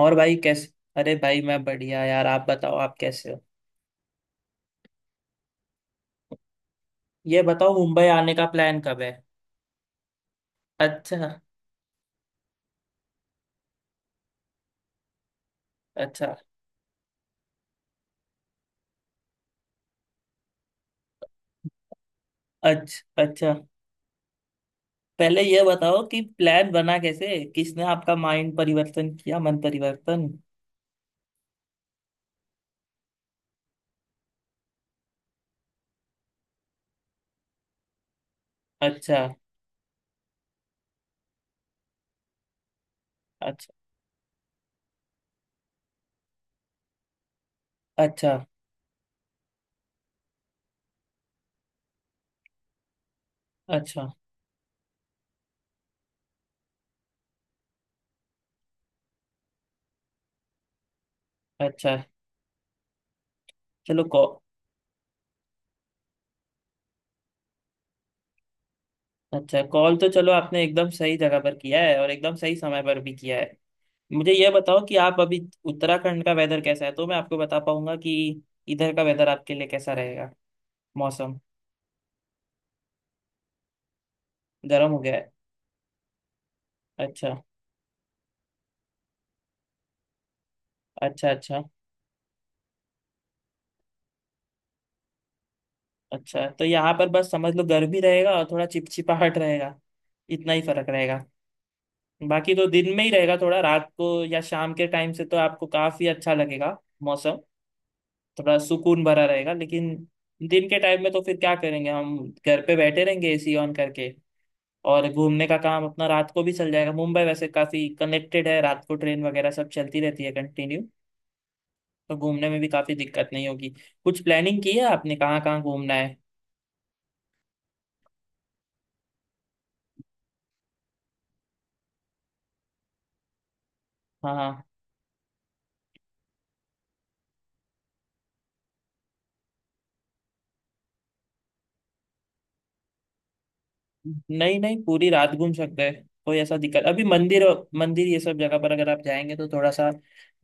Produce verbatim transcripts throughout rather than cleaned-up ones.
और भाई कैसे। अरे भाई मैं बढ़िया यार, आप बताओ, आप कैसे हो? ये बताओ, मुंबई आने का प्लान कब है? अच्छा। अच्छा। अच्छा। अच्छा। पहले ये बताओ कि प्लान बना कैसे, किसने आपका माइंड परिवर्तन किया, मन परिवर्तन। अच्छा। अच्छा। अच्छा। अच्छा। अच्छा। चलो कॉल अच्छा, कॉल तो चलो आपने एकदम सही जगह पर किया है और एकदम सही समय पर भी किया है। मुझे ये बताओ कि आप अभी उत्तराखंड का वेदर कैसा है तो मैं आपको बता पाऊंगा कि इधर का वेदर आपके लिए कैसा रहेगा, मौसम। गर्म हो गया है? अच्छा। अच्छा। अच्छा। अच्छा। तो यहाँ पर बस समझ लो गर्मी रहेगा और थोड़ा चिपचिपाहट रहेगा, इतना ही फर्क रहेगा। बाकी तो दिन में ही रहेगा थोड़ा, रात को या शाम के टाइम से तो आपको काफी अच्छा लगेगा मौसम, थोड़ा सुकून भरा रहेगा। लेकिन दिन के टाइम में तो फिर क्या करेंगे हम, घर पे बैठे रहेंगे एसी ऑन करके। और घूमने का काम अपना रात को भी चल जाएगा, मुंबई वैसे काफी कनेक्टेड है, रात को ट्रेन वगैरह सब चलती रहती है कंटिन्यू। तो घूमने में भी काफी दिक्कत नहीं होगी। कुछ प्लानिंग की है आपने कहाँ कहाँ घूमना है? हाँ हाँ, हाँ। नहीं नहीं, पूरी रात घूम सकते हैं, कोई ऐसा दिक्कत अभी मंदिर, मंदिर ये सब जगह पर अगर आप जाएंगे तो थोड़ा सा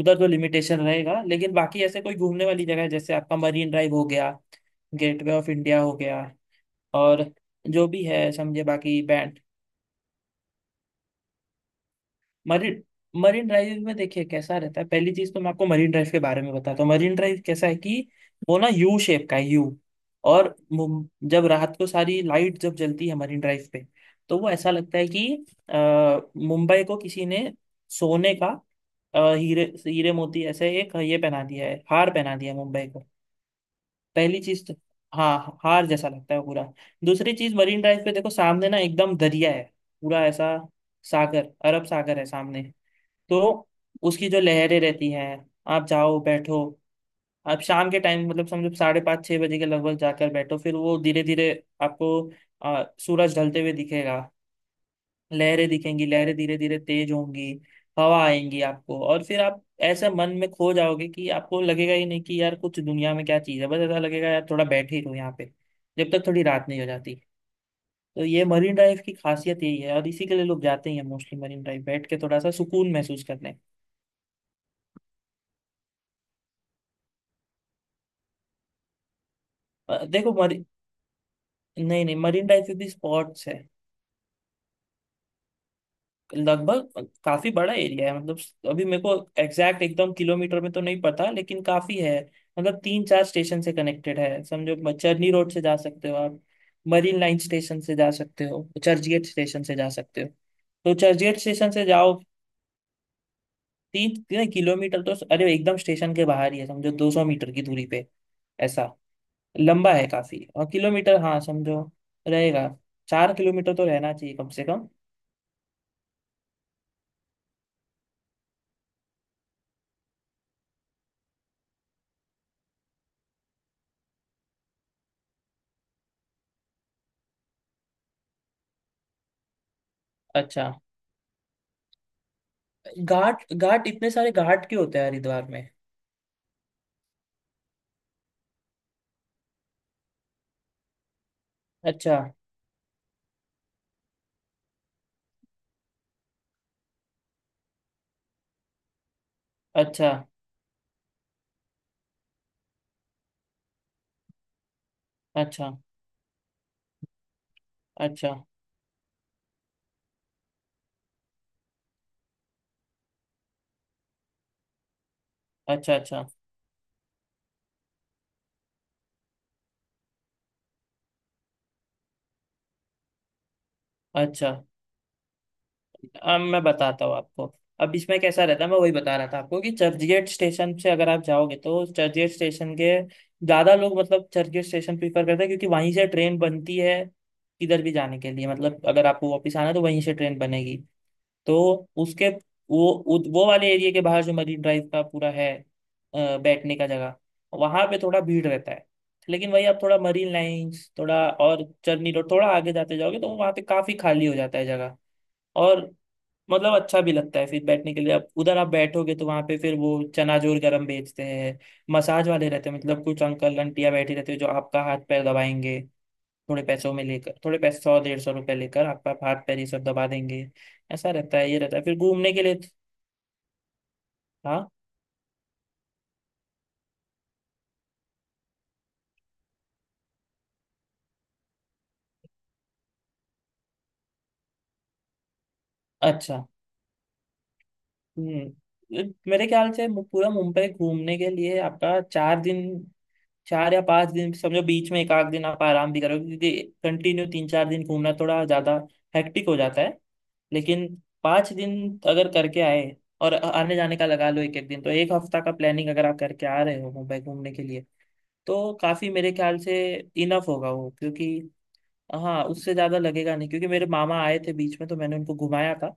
उधर तो लिमिटेशन रहेगा, लेकिन बाकी ऐसे कोई घूमने वाली जगह है जैसे आपका मरीन ड्राइव हो गया, गेटवे ऑफ इंडिया हो गया और जो भी है समझे, बाकी मरीन मरीन ड्राइव में देखिए कैसा रहता है। पहली चीज तो मैं आपको मरीन ड्राइव के बारे में बताता हूँ, मरीन ड्राइव कैसा है कि वो ना यू शेप का है, यू। और मुं- जब रात को सारी लाइट जब जलती है मरीन ड्राइव पे तो वो ऐसा लगता है कि अ, मुंबई को किसी ने सोने का अ, हीरे हीरे मोती ऐसे एक ये पहना दिया है, हार पहना दिया है मुंबई को। पहली चीज तो हाँ, हार जैसा लगता है पूरा। दूसरी चीज मरीन ड्राइव पे देखो, सामने ना एकदम दरिया है, पूरा ऐसा सागर, अरब सागर है सामने। तो उसकी जो लहरें रहती हैं, आप जाओ बैठो। आप शाम के टाइम, मतलब समझो साढ़े पाँच छः बजे के लगभग जाकर बैठो, फिर वो धीरे धीरे आपको आ, सूरज ढलते हुए दिखेगा। लहरें दिखेंगी, लहरें धीरे धीरे तेज होंगी, हवा आएंगी आपको और फिर आप ऐसे मन में खो जाओगे कि आपको लगेगा ही नहीं कि यार कुछ दुनिया में क्या चीज़ है, बस ऐसा लगेगा यार थोड़ा बैठे ही रहो यहाँ पे जब तक थोड़ी रात नहीं हो जाती। तो ये मरीन ड्राइव की खासियत यही है और इसी के लिए लोग जाते ही हैं मोस्टली, मरीन ड्राइव बैठ के थोड़ा सा सुकून महसूस करने। अ, देखो, नहीं नहीं, मरीन ड्राइव फिर भी स्पॉट्स है। लगभग काफी बड़ा एरिया है, मतलब अभी मेरे को एग्जैक्ट एकदम किलोमीटर में तो नहीं पता लेकिन काफी है। मतलब तीन चार स्टेशन से कनेक्टेड है, समझो चरनी रोड से जा सकते हो आप, मरीन लाइन स्टेशन से जा सकते हो, चर्चगेट स्टेशन से जा सकते हो। तो चर्चगेट स्टेशन से जाओ, तीन तीन किलोमीटर तो, अरे एकदम स्टेशन के बाहर ही है समझो, दो सौ मीटर की दूरी पे ऐसा। लंबा है काफी और किलोमीटर, हाँ समझो रहेगा, चार किलोमीटर तो रहना चाहिए कम से कम। अच्छा घाट, घाट इतने सारे घाट क्यों होते हैं हरिद्वार में? अच्छा। अच्छा। अच्छा। अच्छा। अच्छा। अच्छा। अच्छा। अब मैं बताता हूँ आपको, अब इसमें कैसा रहता है, मैं वही बता रहा था आपको कि चर्चगेट स्टेशन से अगर आप जाओगे तो चर्चगेट स्टेशन के ज्यादा लोग मतलब चर्चगेट स्टेशन प्रीफर करते हैं क्योंकि वहीं से ट्रेन बनती है किधर भी जाने के लिए, मतलब अगर आपको वापस आना है तो वहीं से ट्रेन बनेगी। तो उसके वो उत- वो वाले एरिया के बाहर जो मरीन ड्राइव का पूरा है अ, बैठने का जगह, वहां पे थोड़ा भीड़ रहता है। लेकिन वही आप थोड़ा मरीन लाइंस थोड़ा और चर्नी रोड थोड़ा आगे जाते जाओगे तो वहां पे काफी खाली हो जाता है जगह और मतलब अच्छा भी लगता है फिर बैठने के लिए। आप उधर आप बैठोगे तो वहां पे फिर वो चनाजोर गरम बेचते हैं, मसाज वाले रहते हैं, मतलब कुछ अंकल आंटियां बैठे रहते हैं जो आपका हाथ पैर दबाएंगे थोड़े पैसों में लेकर, थोड़े पैसे सौ डेढ़ सौ रुपए लेकर आपका हाथ पैर ये सब दबा देंगे। ऐसा रहता है ये, रहता है फिर घूमने के लिए। हाँ। अच्छा। हम्म। मेरे ख्याल से मु- पूरा मुंबई घूमने के लिए आपका चार दिन, चार या पांच दिन समझो, बीच में एक आध दिन आप आराम भी करोगे क्योंकि कंटिन्यू तीन चार दिन घूमना थोड़ा ज्यादा हेक्टिक हो जाता है। लेकिन पांच दिन अगर करके आए और आने जाने का लगा लो एक एक दिन तो एक हफ्ता का प्लानिंग अगर आप करके आ रहे हो मुंबई घूमने के लिए तो काफी, मेरे ख्याल से इनफ होगा वो। क्योंकि हाँ, उससे ज्यादा लगेगा नहीं क्योंकि मेरे मामा आए थे बीच में तो मैंने उनको घुमाया था,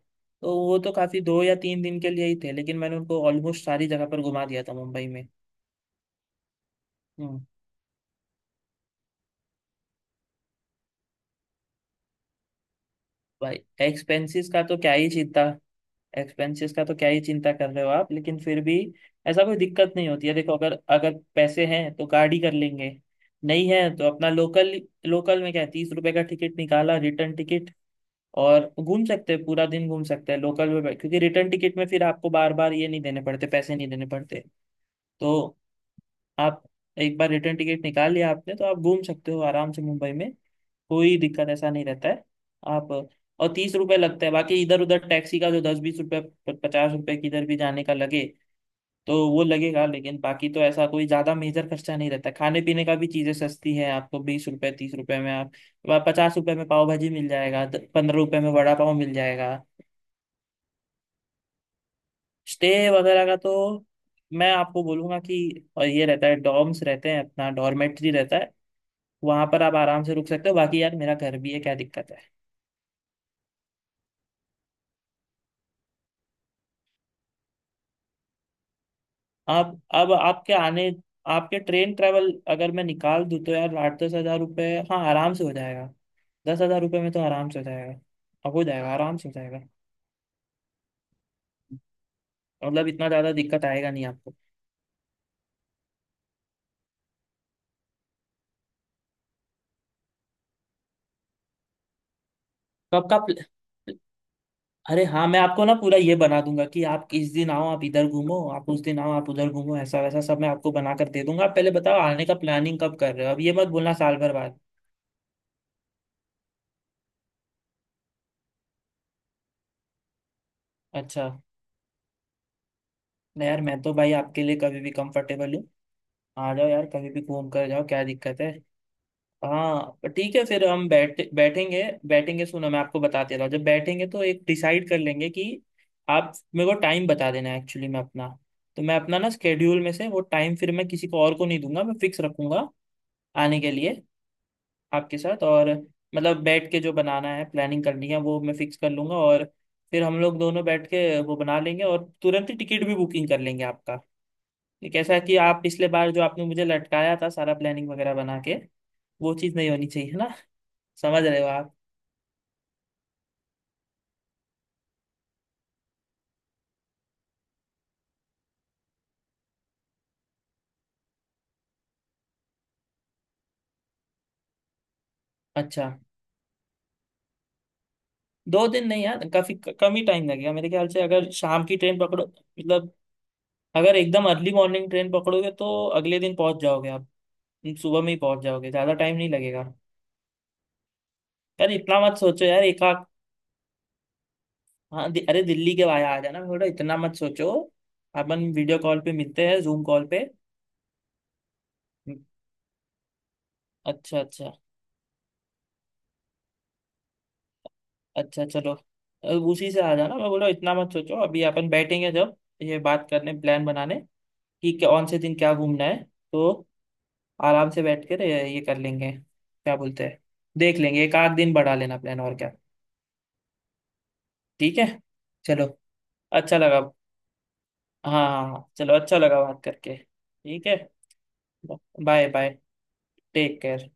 तो वो तो काफी दो या तीन दिन के लिए ही थे लेकिन मैंने उनको ऑलमोस्ट सारी जगह पर घुमा दिया था मुंबई में। हम्म। भाई एक्सपेंसेस का तो क्या ही चिंता एक्सपेंसेस का तो क्या ही चिंता कर रहे हो आप, लेकिन फिर भी ऐसा कोई दिक्कत नहीं होती है। देखो अगर अगर पैसे हैं तो गाड़ी कर लेंगे, नहीं है तो अपना लोकल। लोकल में क्या है, तीस रुपए का टिकट निकाला, रिटर्न टिकट, और घूम सकते हैं, पूरा दिन घूम सकते हैं लोकल में बैठ- क्योंकि रिटर्न टिकट में फिर आपको बार बार ये नहीं देने पड़ते, पैसे नहीं देने पड़ते। तो आप एक बार रिटर्न टिकट निकाल लिया आपने तो आप घूम सकते हो आराम से मुंबई में, कोई दिक्कत ऐसा नहीं रहता है आप। और तीस रुपये लगता है, बाकी इधर उधर टैक्सी का जो दस बीस रुपये पचास रुपये किधर भी जाने का लगे तो वो लगेगा, लेकिन बाकी तो ऐसा कोई ज्यादा मेजर खर्चा नहीं रहता। खाने पीने का भी चीजें सस्ती है, आपको बीस रुपए तीस रुपए में आप, पचास रुपए में पाव भाजी मिल जाएगा, पंद्रह रुपए में वड़ा पाव मिल जाएगा। स्टे वगैरह का तो मैं आपको बोलूंगा कि और ये रहता है, डॉर्म्स रहते हैं, अपना डॉर्मेट्री रहता है, वहां पर आप आराम से रुक सकते हो। बाकी यार मेरा घर भी है, क्या दिक्कत है। आप अब आपके आने, आपके ट्रेन ट्रेवल अगर मैं निकाल दूँ तो यार आठ दस हजार रुपये, हाँ आराम से हो जाएगा। दस हजार रुपये में तो आराम से हो जाएगा, अब हो जाएगा आराम से हो जाएगा, मतलब इतना ज़्यादा दिक्कत आएगा नहीं आपको। कब का प्ल- अरे हाँ, मैं आपको ना पूरा ये बना दूंगा कि आप किस दिन आओ आप इधर घूमो, आप उस दिन आओ आप उधर घूमो, ऐसा वैसा सब मैं आपको बना कर दे दूंगा। आप पहले बताओ आने का प्लानिंग कब कर रहे हो, अब ये मत बोलना साल भर बाद। अच्छा। नहीं यार मैं तो भाई आपके लिए कभी भी कंफर्टेबल हूँ, आ जाओ यार कभी भी घूम कर जाओ क्या दिक्कत है। हाँ पर ठीक है फिर हम बैठ बैठेंगे, बैठेंगे सुनो मैं आपको बताते रहा हूँ। जब बैठेंगे तो एक डिसाइड कर लेंगे कि आप मेरे को टाइम बता देना, एक्चुअली मैं अपना, तो मैं अपना ना स्केड्यूल में से वो टाइम फिर मैं किसी को और को नहीं दूंगा, मैं फिक्स रखूंगा आने के लिए आपके साथ। और मतलब बैठ के जो बनाना है, प्लानिंग करनी है वो मैं फिक्स कर लूंगा, और फिर हम लोग दोनों बैठ के वो बना लेंगे और तुरंत ही टिकट भी बुकिंग कर लेंगे आपका। ये कैसा कि आप पिछले बार जो आपने मुझे लटकाया था सारा प्लानिंग वगैरह बना के, वो चीज़ नहीं होनी चाहिए, है ना? समझ रहे हो आप? अच्छा। दो दिन नहीं यार, काफी क- कम ही टाइम लगेगा मेरे ख्याल से, अगर शाम की ट्रेन पकड़ो मतलब अगर एकदम अर्ली मॉर्निंग ट्रेन पकड़ोगे तो अगले दिन पहुंच जाओगे आप, सुबह में ही पहुंच जाओगे, ज्यादा टाइम नहीं लगेगा। यार इतना मत सोचो यार एक आध, हाँ दि, अरे दिल्ली के भाई आ जाना, थोड़ा इतना मत सोचो, अपन वीडियो कॉल पे मिलते हैं, जूम कॉल पे। हम्म। अच्छा। अच्छा। अच्छा। चलो अ, उसी से आ जाना, मैं बोला इतना मत सोचो अभी, अपन बैठेंगे जब ये बात करने, प्लान बनाने कि क्या- कौन से दिन क्या घूमना है, तो आराम से बैठ कर ये ये कर लेंगे क्या बोलते हैं। देख लेंगे, एक आध दिन बढ़ा लेना प्लान और क्या, ठीक है। चलो अच्छा लगा, हाँ हाँ हाँ, चलो अच्छा लगा बात करके, ठीक है। Bye bye. Take care.